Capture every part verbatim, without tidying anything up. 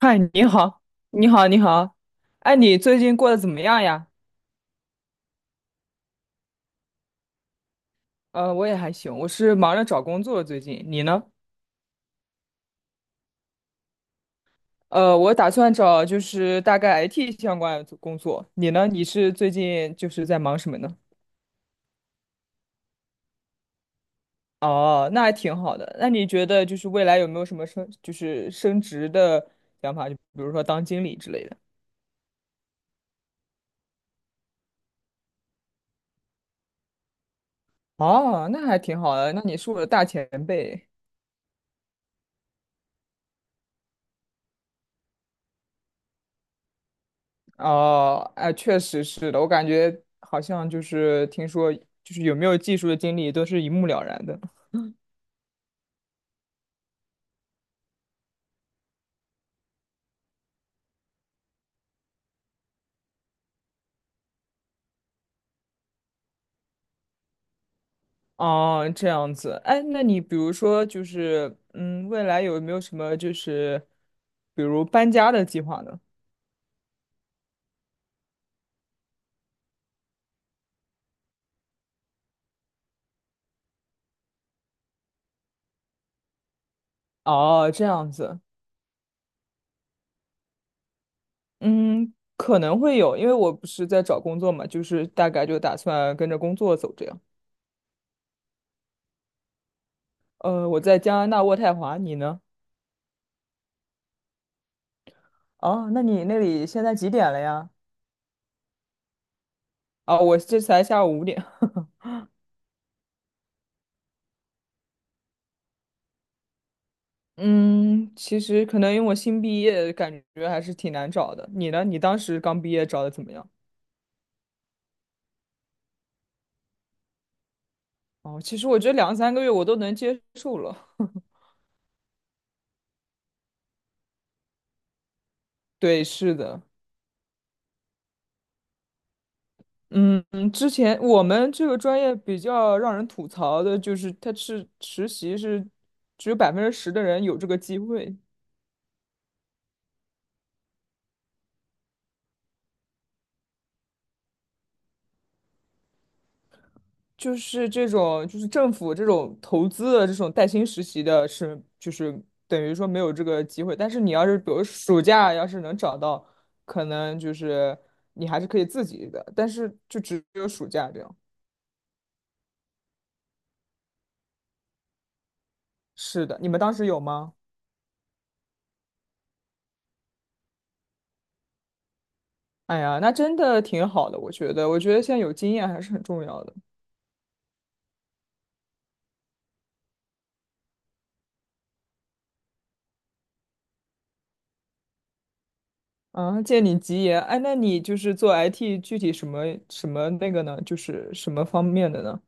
嗨，你好，你好，你好，哎，你最近过得怎么样呀？呃，我也还行，我是忙着找工作最近，你呢？呃，我打算找就是大概 I T 相关的工作，你呢？你是最近就是在忙什么呢？哦，那还挺好的。那你觉得就是未来有没有什么升就是升职的想法？就比如说当经理之类的。哦，那还挺好的。那你是我的大前辈。哦，哎，确实是的，我感觉好像就是听说，就是有没有技术的经历都是一目了然的。哦，这样子，哎，那你比如说就是，嗯，未来有没有什么就是，比如搬家的计划呢？哦，这样子，嗯，可能会有，因为我不是在找工作嘛，就是大概就打算跟着工作走这样。呃，我在加拿大渥太华，你呢？哦，那你那里现在几点了呀？哦，我这才下午五点。嗯，其实可能因为我新毕业，感觉还是挺难找的。你呢？你当时刚毕业找的怎么样？哦，其实我觉得两三个月我都能接受了。对，是的，嗯，嗯之前我们这个专业比较让人吐槽的就是，它是实习是只有百分之十的人有这个机会。就是这种，就是政府这种投资的这种带薪实习的是，就是等于说没有这个机会。但是你要是比如暑假要是能找到，可能就是你还是可以自己的，但是就只有暑假这样。是的，你们当时有吗？哎呀，那真的挺好的，我觉得，我觉得现在有经验还是很重要的。啊，借你吉言，哎，那你就是做 I T 具体什么什么那个呢？就是什么方面的呢？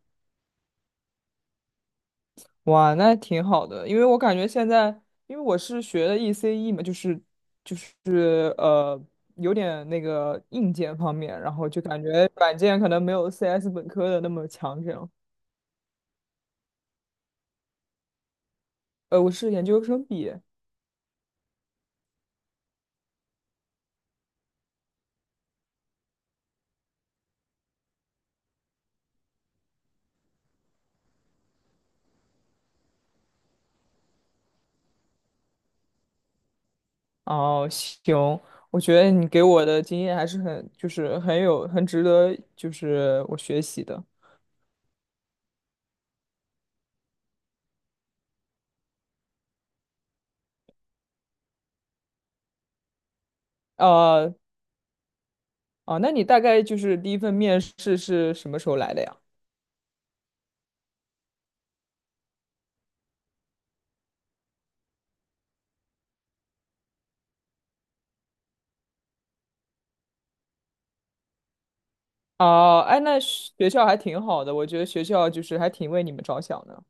哇，那挺好的，因为我感觉现在，因为我是学的 E C E 嘛，就是就是呃，有点那个硬件方面，然后就感觉软件可能没有 C S 本科的那么强，这样。呃，我是研究生毕业。哦，行，我觉得你给我的经验还是很，就是很有，很值得，就是我学习的。呃，哦，那你大概就是第一份面试是什么时候来的呀？哦，哎，那学校还挺好的，我觉得学校就是还挺为你们着想的。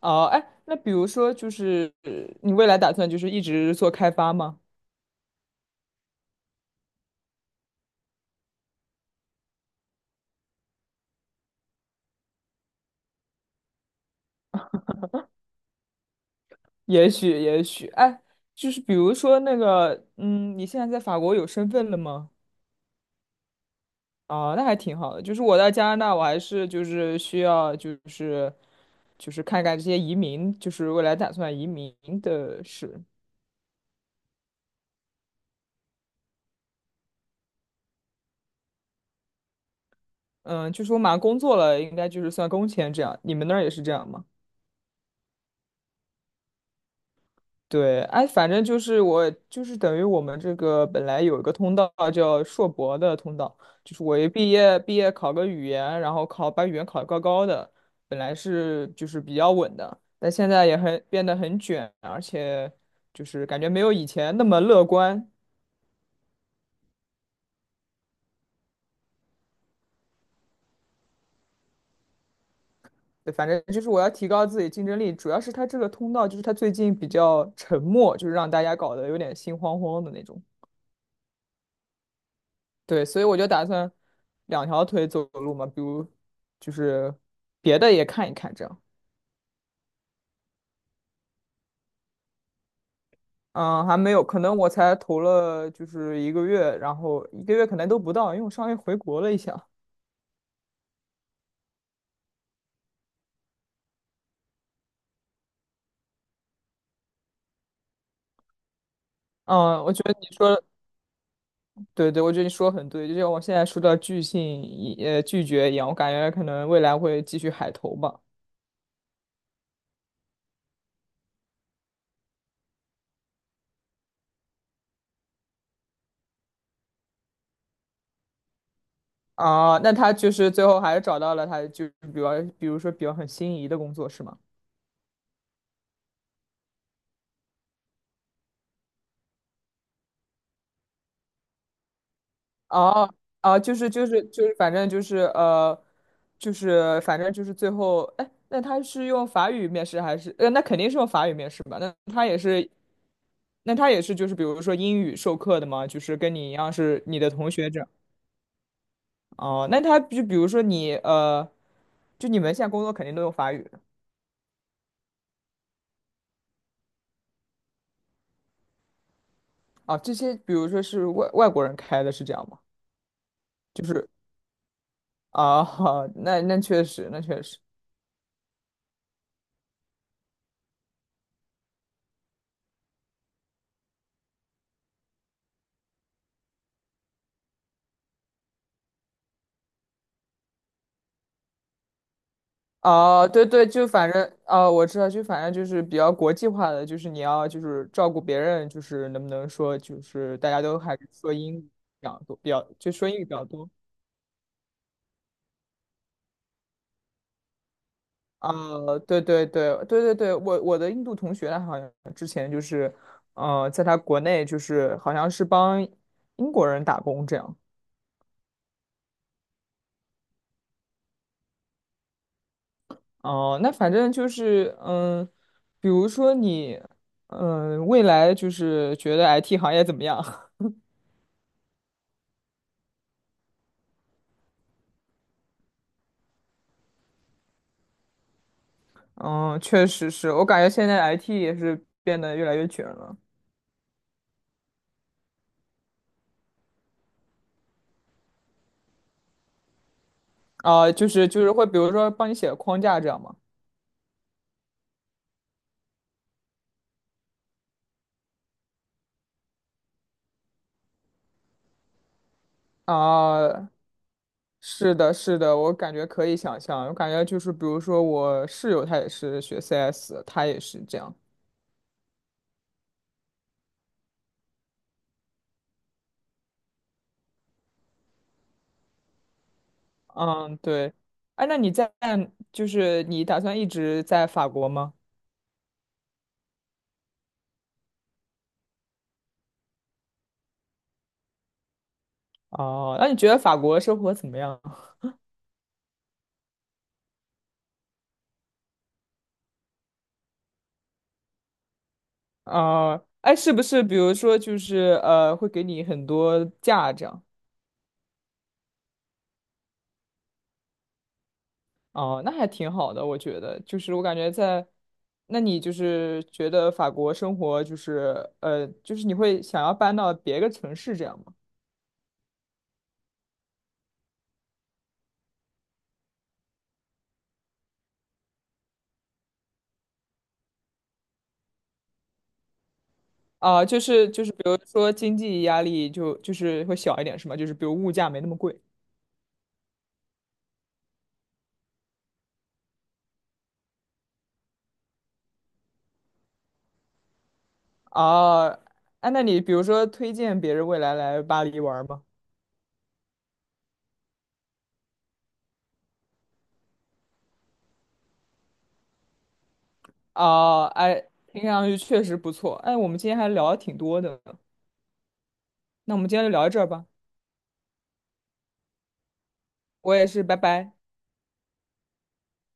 哦，哎，那比如说就是呃你未来打算就是一直做开发吗？也许，也许，哎，就是比如说那个，嗯，你现在在法国有身份了吗？哦，那还挺好的。就是我在加拿大，我还是就是需要就是就是看看这些移民，就是未来打算移民的事。嗯，就是我马上工作了，应该就是算工签这样。你们那儿也是这样吗？对，哎，反正就是我，就是等于我们这个本来有一个通道叫硕博的通道，就是我一毕业毕业考个语言，然后考把语言考得高高的，本来是就是比较稳的，但现在也很变得很卷，而且就是感觉没有以前那么乐观。对，反正就是我要提高自己竞争力，主要是它这个通道就是它最近比较沉默，就是让大家搞得有点心慌慌的那种。对，所以我就打算两条腿走路嘛，比如就是别的也看一看这样。嗯，还没有，可能我才投了就是一个月，然后一个月可能都不到，因为我上个月回国了一下。嗯，我觉得你说的，对对，我觉得你说的很对，就像我现在说的拒信一呃拒绝一样，我感觉可能未来会继续海投吧。啊，那他就是最后还是找到了他就比如比如说比较很心仪的工作是吗？哦哦，就是就是就是，反正就是呃，就是反正就是最后，哎，那他是用法语面试还是？呃，那肯定是用法语面试吧？那他也是，那他也是就是比如说英语授课的吗？就是跟你一样是你的同学这样。哦，那他就比如说你呃，就你们现在工作肯定都用法语的啊，这些比如说是外外国人开的是这样吗？就是啊，那那确实，那确实。哦，对对，就反正哦，我知道，就反正就是比较国际化的，就是你要就是照顾别人，就是能不能说就是大家都还是说英语比较多，比较就说英语比较多。呃，对对对对对对，我我的印度同学他好像之前就是，呃，在他国内就是好像是帮英国人打工这样。哦，那反正就是嗯，比如说你嗯，未来就是觉得 I T 行业怎么样？嗯，确实是我感觉现在 I T 也是变得越来越卷了啊，就是就是会比如说帮你写个框架这样嘛啊，是的，是的，我感觉可以想象，我感觉就是比如说我室友他也是学 C S，他也是这样，嗯，对，哎，那你在就是你打算一直在法国吗？哦，那你觉得法国生活怎么样？啊，哎，是不是比如说就是呃，会给你很多假这样？哦，那还挺好的，我觉得，就是我感觉在，那你就是觉得法国生活就是呃，就是你会想要搬到别个城市这样吗？啊，就是就是，比如说经济压力就就是会小一点，是吗？就是比如物价没那么贵。啊。哎，那你比如说推荐别人未来来巴黎玩吗？哦，哎，听上去确实不错。哎，我们今天还聊的挺多的呢，那我们今天就聊到这儿吧。我也是，拜拜。